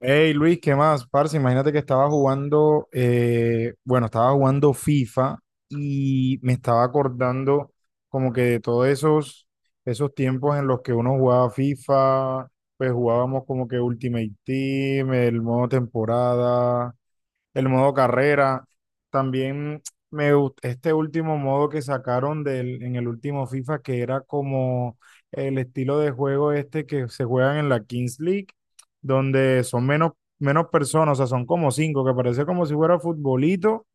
Hey Luis, ¿qué más? Parce, imagínate que estaba jugando, estaba jugando FIFA y me estaba acordando como que de esos tiempos en los que uno jugaba FIFA. Pues jugábamos como que Ultimate Team, el modo temporada, el modo carrera. También este último modo que sacaron en el último FIFA, que era como el estilo de juego este que se juegan en la Kings League, donde son menos personas. O sea, son como cinco, que parece como si fuera futbolito,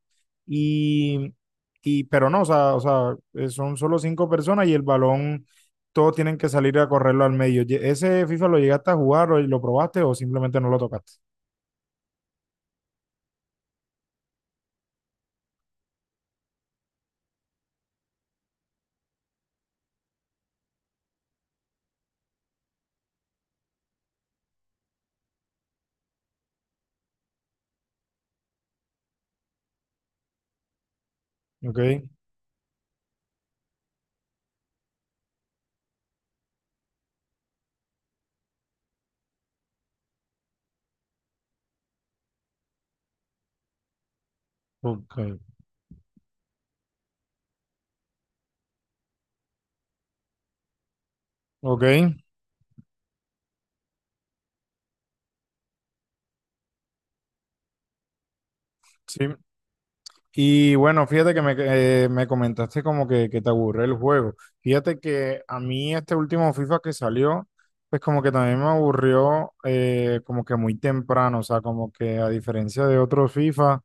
y, y pero no, o sea, son solo cinco personas y el balón, todos tienen que salir a correrlo al medio. ¿Ese FIFA lo llegaste a jugar o lo probaste o simplemente no lo tocaste? Ok, ok, ok. Sí, y bueno, fíjate que me comentaste como que te aburre el juego. Fíjate que a mí este último FIFA que salió, pues como que también me aburrió como que muy temprano. O sea, como que a diferencia de otros FIFA,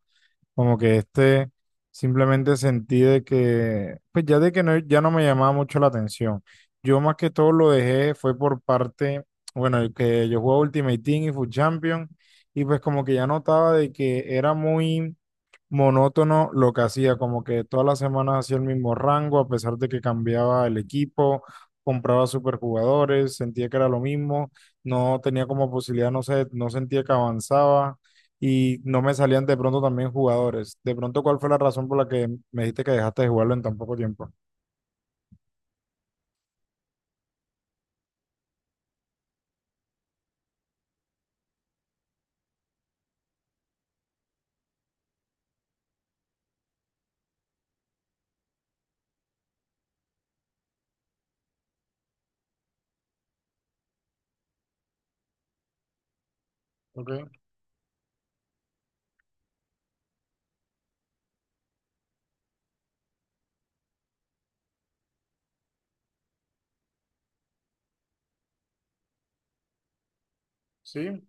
como que este simplemente sentí de que, pues ya de que no, ya no me llamaba mucho la atención. Yo más que todo lo dejé fue por parte, bueno, el que yo jugaba Ultimate Team y FUT Champion, y pues como que ya notaba de que era muy monótono lo que hacía, como que todas las semanas hacía el mismo rango, a pesar de que cambiaba el equipo, compraba superjugadores, sentía que era lo mismo, no tenía como posibilidad, no sé, no sentía que avanzaba y no me salían de pronto también jugadores. De pronto, ¿cuál fue la razón por la que me dijiste que dejaste de jugarlo en tan poco tiempo? Ok, sí.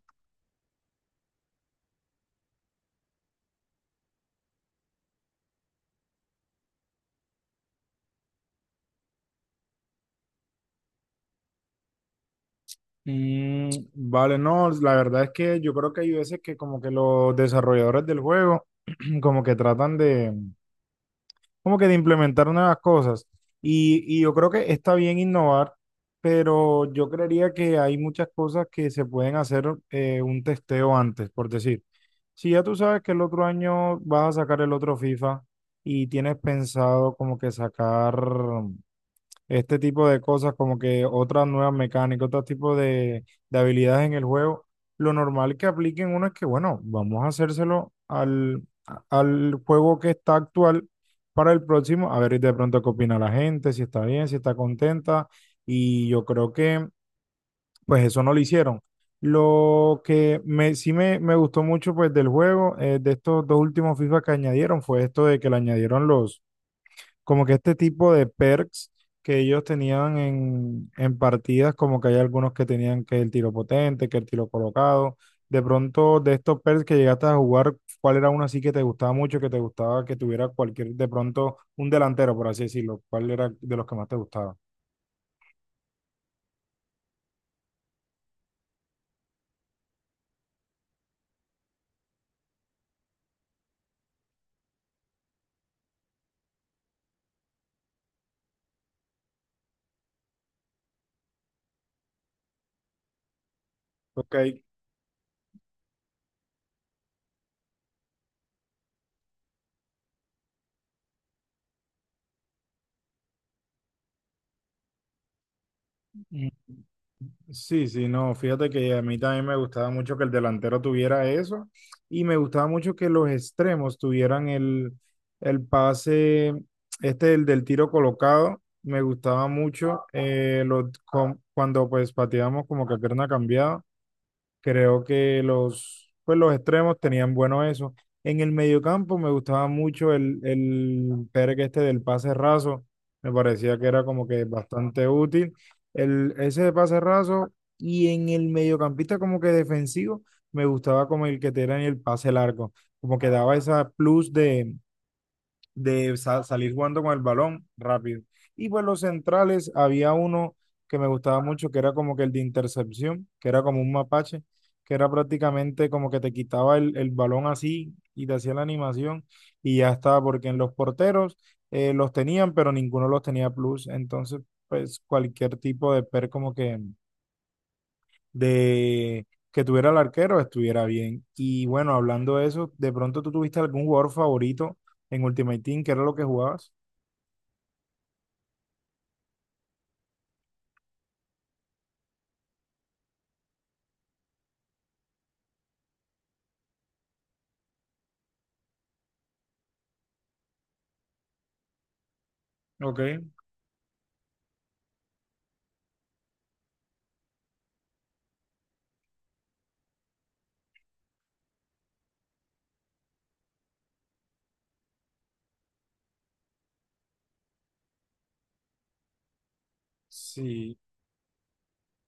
Mm, vale, no, la verdad es que yo creo que hay veces que como que los desarrolladores del juego como que tratan de como que de implementar nuevas cosas. Y yo creo que está bien innovar, pero yo creería que hay muchas cosas que se pueden hacer un testeo antes, por decir. Si ya tú sabes que el otro año vas a sacar el otro FIFA y tienes pensado como que sacar este tipo de cosas, como que otras nuevas mecánicas, otro tipo de habilidades en el juego, lo normal que apliquen uno es que, bueno, vamos a hacérselo al juego que está actual para el próximo, a ver de pronto qué opina la gente, si está bien, si está contenta, y yo creo que pues eso no lo hicieron. Lo que sí me gustó mucho pues del juego, de estos dos últimos FIFA que añadieron, fue esto de que le añadieron los como que este tipo de perks que ellos tenían en partidas, como que hay algunos que tenían que el tiro potente, que el tiro colocado. De pronto, de estos perks que llegaste a jugar, ¿cuál era uno así que te gustaba mucho, que te gustaba que tuviera cualquier, de pronto, un delantero, por así decirlo? ¿Cuál era de los que más te gustaba? Ok. Sí, sí, no, fíjate que a mí también me gustaba mucho que el delantero tuviera eso y me gustaba mucho que los extremos tuvieran el pase, este el del tiro colocado. Me gustaba mucho cuando pues pateábamos como que a pierna cambiada. Creo que los, pues los extremos tenían bueno eso. En el mediocampo me gustaba mucho el Pérez este del pase raso. Me parecía que era como que bastante útil. Ese de pase raso y en el mediocampista como que defensivo me gustaba como el que te era en el pase largo. Como que daba esa plus de salir jugando con el balón rápido. Y pues los centrales, había uno que me gustaba mucho, que era como que el de intercepción, que era como un mapache, que era prácticamente como que te quitaba el balón así y te hacía la animación y ya estaba, porque en los porteros los tenían, pero ninguno los tenía plus. Entonces, pues cualquier tipo de per como que de que tuviera el arquero estuviera bien. Y bueno, hablando de eso, de pronto tú tuviste algún jugador favorito en Ultimate Team, ¿qué era lo que jugabas? Ok, sí,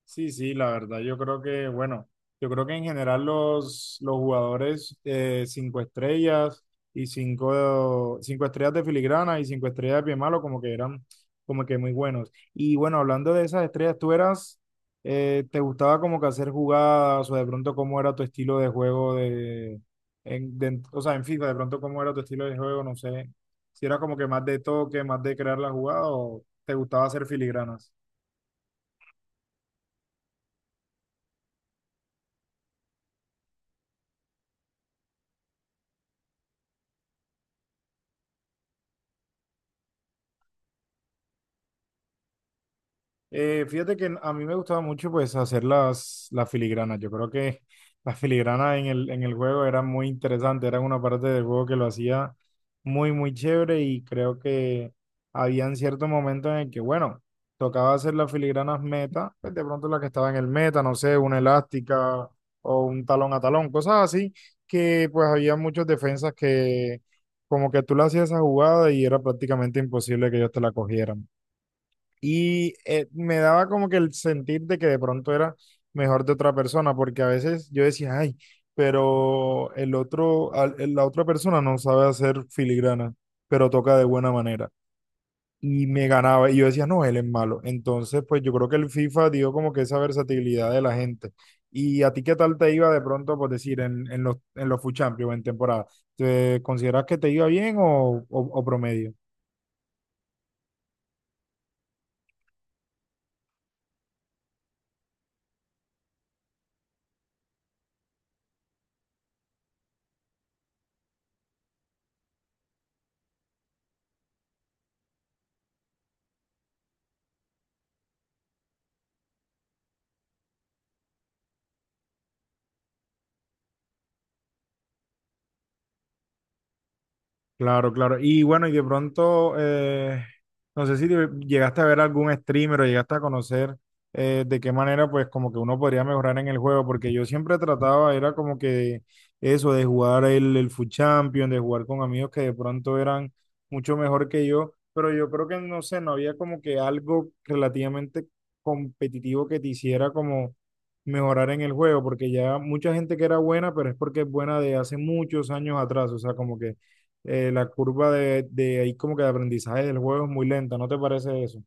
sí, sí, la verdad, yo creo que, bueno, yo creo que en general los jugadores cinco estrellas y cinco estrellas de filigrana y cinco estrellas de pie malo como que eran como que muy buenos. Y bueno, hablando de esas estrellas, tú eras, ¿te gustaba como que hacer jugadas o de pronto cómo era tu estilo de juego de o sea, en FIFA, de pronto cómo era tu estilo de juego, no sé, si era como que más de toque, más de crear la jugada o te gustaba hacer filigranas? Fíjate que a mí me gustaba mucho pues hacer las filigranas. Yo creo que las filigranas en el juego eran muy interesantes, eran una parte del juego que lo hacía muy, muy chévere y creo que habían ciertos momentos en el que, bueno, tocaba hacer las filigranas meta, pues de pronto las que estaban en el meta, no sé, una elástica o un talón a talón, cosas así, que pues había muchas defensas que como que tú le hacías esa jugada y era prácticamente imposible que ellos te la cogieran y me daba como que el sentir de que de pronto era mejor de otra persona, porque a veces yo decía, ay, pero el otro, al- el- la otra persona no sabe hacer filigrana, pero toca de buena manera. Y me ganaba, y yo decía, no, él es malo. Entonces, pues yo creo que el FIFA dio como que esa versatilidad de la gente. ¿Y a ti qué tal te iba de pronto, por decir, en los FUT Champions, en temporada? ¿Te consideras que te iba bien o promedio? Claro, claro. Y bueno, y de pronto, no sé si te- llegaste a ver algún streamer o llegaste a conocer de qué manera, pues como que uno podría mejorar en el juego, porque yo siempre trataba, era como que eso, de jugar el FUT Champion, de jugar con amigos que de pronto eran mucho mejor que yo, pero yo creo que, no sé, no había como que algo relativamente competitivo que te hiciera como mejorar en el juego, porque ya mucha gente que era buena, pero es porque es buena de hace muchos años atrás, o sea, como que la curva de ahí como que de aprendizaje del juego es muy lenta, ¿no te parece eso?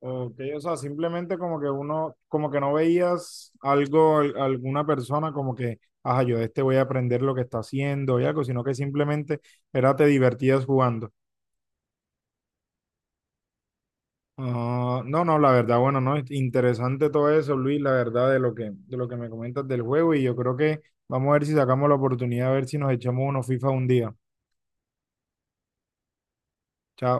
Ok, o sea, simplemente como que uno, como que no veías algo, alguna persona como que, ajá, yo de este voy a aprender lo que está haciendo y algo, sino que simplemente era te divertías jugando. Ah, no, no, la verdad, bueno, no, es interesante todo eso, Luis, la verdad de lo que me comentas del juego y yo creo que vamos a ver si sacamos la oportunidad, a ver si nos echamos unos FIFA un día. Chao.